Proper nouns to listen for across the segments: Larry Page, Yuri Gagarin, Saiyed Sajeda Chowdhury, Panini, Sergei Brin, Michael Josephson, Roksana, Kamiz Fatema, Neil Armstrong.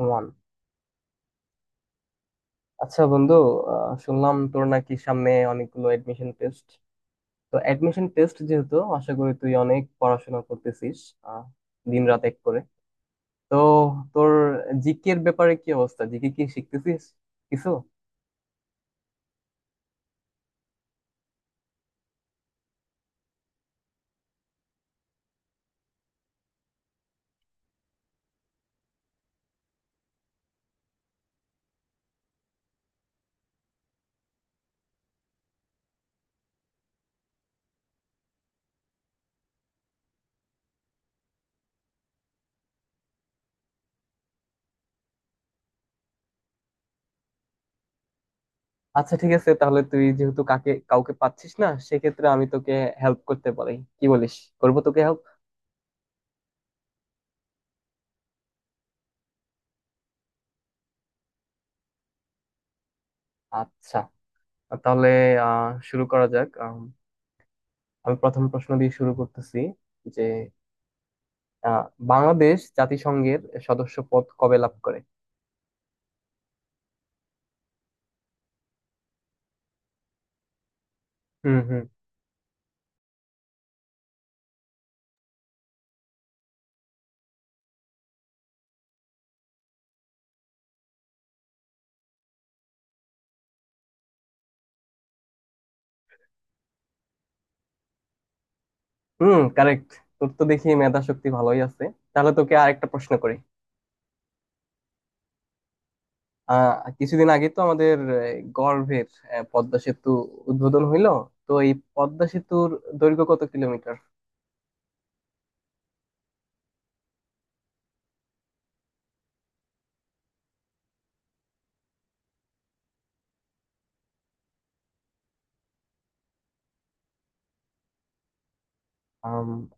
One. আচ্ছা বন্ধু, শুনলাম তোর নাকি সামনে অনেকগুলো এডমিশন টেস্ট। তো এডমিশন টেস্ট যেহেতু আশা করি তুই অনেক পড়াশোনা করতেছিস, আহ, দিন রাত এক করে। তো তোর জিকে এর ব্যাপারে কি অবস্থা, জিকে কি শিখতেছিস কিছু? আচ্ছা ঠিক আছে, তাহলে তুই যেহেতু কাকে কাউকে পাচ্ছিস না সেক্ষেত্রে আমি তোকে হেল্প করতে পারি, কি বলিস? করবো তোকে হেল্প। আচ্ছা, তাহলে শুরু করা যাক। আমি প্রথম প্রশ্ন দিয়ে শুরু করতেছি যে আহ বাংলাদেশ জাতিসংঘের সদস্য পদ কবে লাভ করে? হুম হুম। হুম, কারেক্ট। তোর তো দেখি মেধা শক্তি ভালোই আছে। তাহলে তোকে আরেকটা প্রশ্ন করি। আহ কিছুদিন আগে তো আমাদের গর্ভের পদ্মা সেতু উদ্বোধন হইলো। তো এই পদ্মা সেতুর দৈর্ঘ্য কত কিলোমিটার?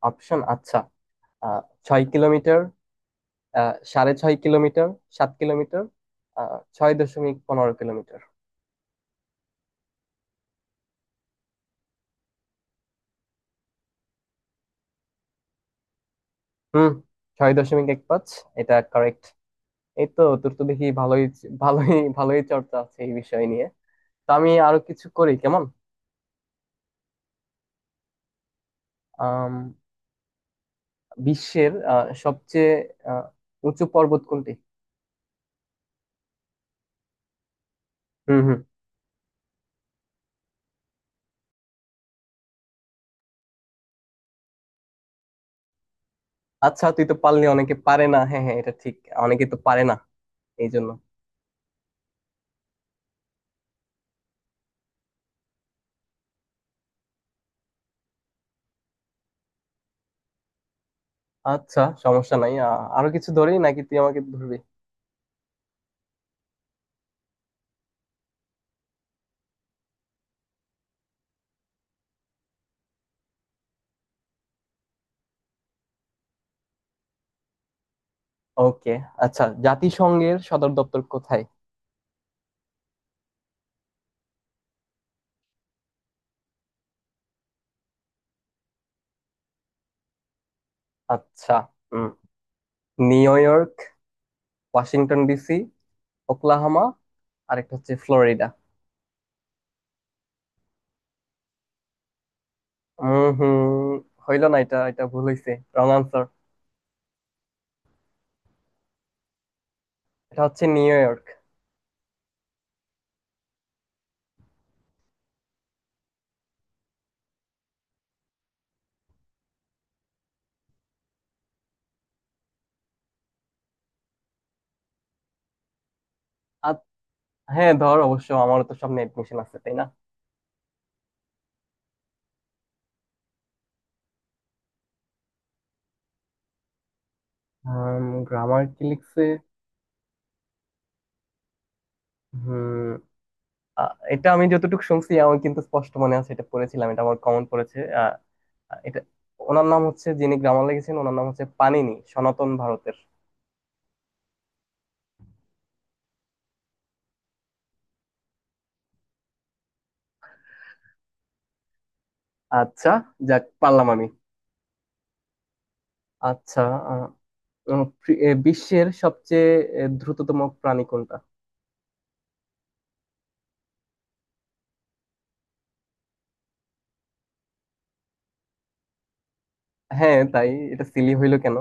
অপশন, আচ্ছা। আহ ছয় কিলোমিটার, সাড়ে ছয় কিলোমিটার, সাত কিলোমিটার, 6.15 কিলোমিটার। হুম, 6.15, এটা কারেক্ট। এই তো, তোর তো দেখি ভালোই ভালোই ভালোই চর্চা আছে এই বিষয় নিয়ে। তো আমি আরো কিছু করি, কেমন? আম, বিশ্বের সবচেয়ে আহ, উঁচু পর্বত কোনটি? হুম হুম। আচ্ছা, তুই তো পারলি, অনেকে পারে না। হ্যাঁ হ্যাঁ, এটা ঠিক, অনেকে তো পারে না এই জন্য। আচ্ছা সমস্যা নাই, আরো কিছু ধরি, নাকি তুই আমাকে ধরবি? ওকে। আচ্ছা, জাতিসংঘের সদর দপ্তর কোথায়? আচ্ছা, হুম। New York, Washington DC, Oklahoma, আরেকটা হচ্ছে ফ্লোরিডা। হম হম, হইলো না এটা, এটা ভুল হয়েছে, রং আনসার। এটা হচ্ছে নিউ ইয়র্ক। আর হ্যাঁ ধর, অবশ্য আমারও তো সামনে এডমিশন আছে, তাই না? গ্রামার কি লিখছে? হম, এটা আমি যতটুকু শুনছি আমার কিন্তু স্পষ্ট মনে আছে, এটা পড়েছিলাম, এটা আমার কমন পড়েছে। এটা, ওনার নাম হচ্ছে যিনি গ্রামার লিখেছেন, ওনার নাম হচ্ছে পানিনি, সনাতন ভারতের। আচ্ছা, যাক পারলাম আমি। আচ্ছা, আহ, উম, পৃ- এ, বিশ্বের সবচেয়ে দ্রুততম প্রাণী কোনটা? হ্যাঁ তাই, এটা সিলি হইলো কেন?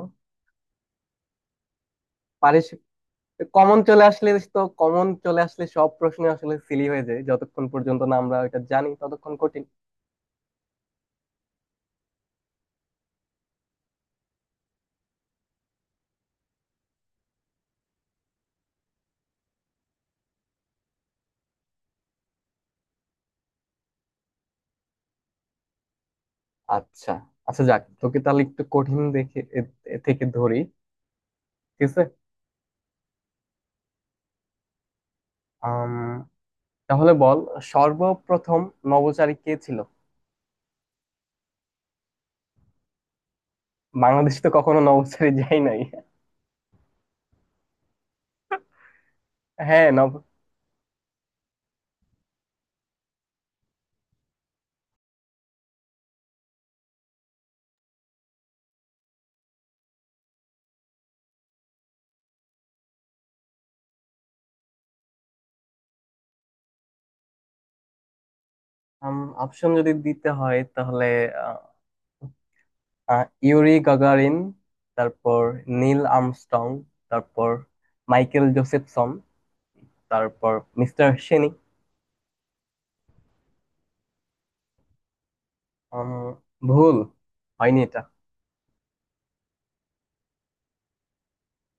কমন চলে আসলে, তো কমন চলে আসলে সব প্রশ্ন আসলে সিলি হয়ে যায়, যতক্ষণ পর্যন্ত না আমরা এটা জানি ততক্ষণ কঠিন। আচ্ছা আচ্ছা, যাক তোকে তাহলে একটু কঠিন দেখে এ থেকে ধরি, ঠিক আছে? আম, তাহলে বল, সর্বপ্রথম নভোচারী কে ছিল? বাংলাদেশ তো কখনো নভোচারী যাই নাই। হ্যাঁ, অপশন যদি দিতে হয় তাহলে আহ, আহ, ইউরি গাগারিন, তারপর নীল আর্মস্ট্রং, তারপর মাইকেল জোসেফসন, তারপর মিস্টার সেনি। উম, ভুল হয়নি এটা?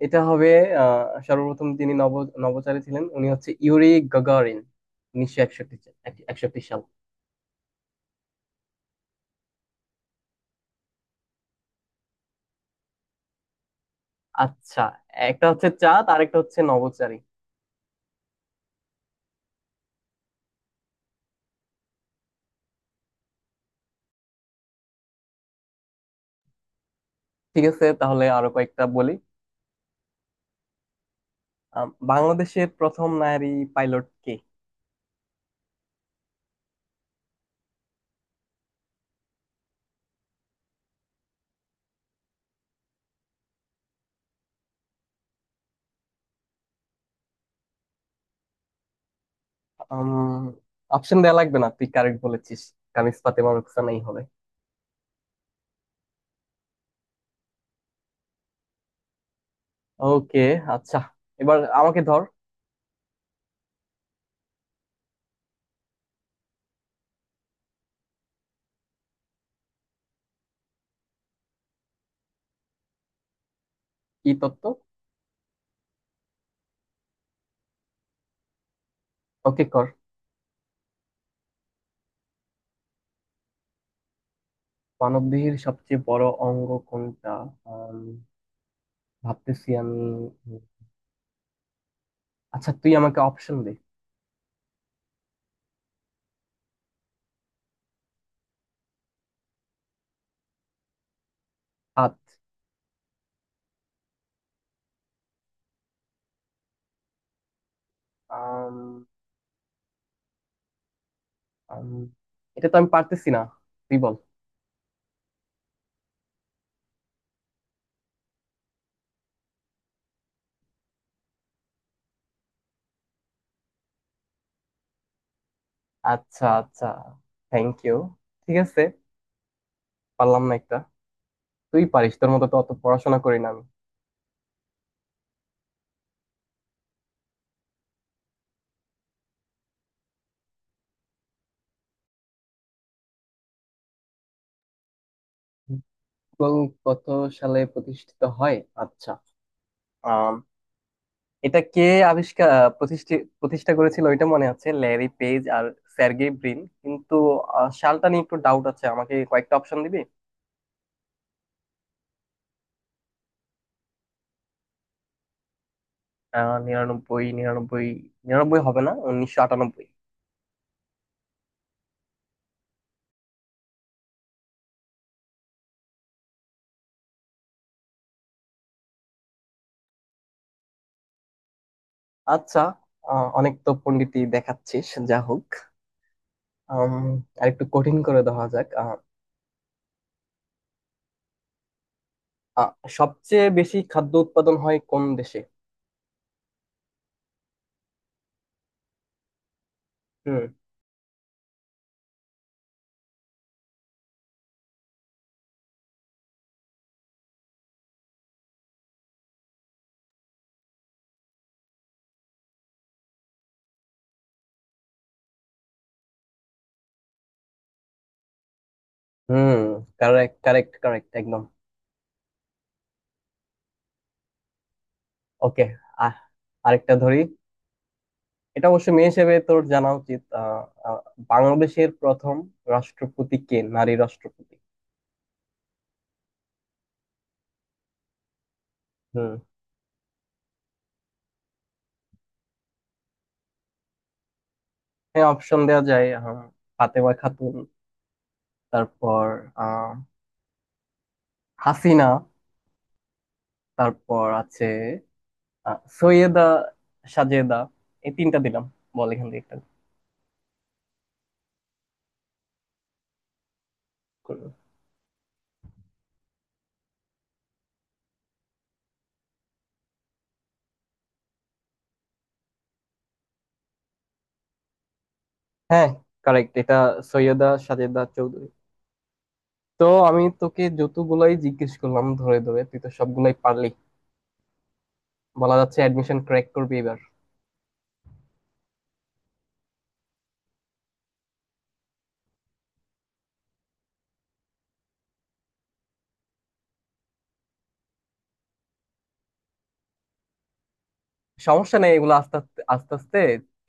এটা হবে সর্বপ্রথম তিনি নভোচারী ছিলেন, উনি হচ্ছে ইউরি গাগারিন, 1961, 61 সাল। আচ্ছা, একটা হচ্ছে চাঁদ আর একটা হচ্ছে নভোচারী। ঠিক আছে, তাহলে আরো কয়েকটা বলি। বাংলাদেশের প্রথম নারী পাইলট কে? অপশন দেওয়া লাগবে না, তুই কারেক্ট বলেছিস। কামিজ ফাতেমা রোকসানাই হবে। ওকে, আচ্ছা। এবার আমাকে ধর। কি তত্ত্ব? ওকে, কর। মানবদেহের সবচেয়ে বড় অঙ্গ কোনটা? ভাবতেছি আমি। আচ্ছা তুই আমাকে অপশন দে। হাত? আম, আম, এটা তো আমি পারতেছি না, তুই বল। আচ্ছা আচ্ছা, থ্যাংক ইউ। ঠিক আছে, পারলাম না একটা। তুই পারিস, তোর মতো তো অত পড়াশোনা করি না আমি। গুগল কত সালে প্রতিষ্ঠিত হয়? আচ্ছা, আম, এটা কে আবিষ্কার, প্রতিষ্ঠা প্রতিষ্ঠা করেছিল ওইটা মনে আছে, ল্যারি পেজ আর স্যার্গেই ব্রিন, কিন্তু সালটা নিয়ে একটু ডাউট আছে, আমাকে কয়েকটা অপশন দিবি? আহ নিরানব্বই নিরানব্বই, নিরানব্বই হবে না, 1998। আচ্ছা, অনেক তো পন্ডিতি দেখাচ্ছিস, যা হোক। আম, আরেকটু কঠিন করে দেওয়া যাক। আহ, আহ, সবচেয়ে বেশি খাদ্য উৎপাদন হয় কোন দেশে? হুম। হুম, কারেক্ট কারেক্ট কারেক্ট একদম। ওকে। আহ আরেকটা ধরি। এটা অবশ্য মেয়ে হিসেবে তোর জানা উচিত। আহ, আহ, বাংলাদেশের প্রথম রাষ্ট্রপতি কে নারী রাষ্ট্রপতি? হুম। হ্যাঁ অপশন দেওয়া যায়, ফাতেমা খাতুন, তারপর আহ হাসিনা, তারপর আছে সৈয়দা সাজেদা। এই তিনটা দিলাম, বল এখান থেকে একটা করবো। হ্যাঁ কারেক্ট, এটা সৈয়দা সাজেদা চৌধুরী। তো আমি তোকে যতগুলাই জিজ্ঞেস করলাম ধরে ধরে তুই তো সবগুলাই পারলি। বলা যাচ্ছে অ্যাডমিশন ক্র্যাক করবি এবার। সমস্যা নেই, এগুলো আস্তে আস্তে আস্তে আস্তে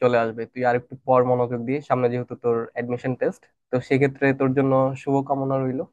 চলে আসবে। তুই আর একটু পর মনোযোগ দিয়ে, সামনে যেহেতু তোর অ্যাডমিশন টেস্ট, তো সেক্ষেত্রে তোর জন্য শুভকামনা রইলো।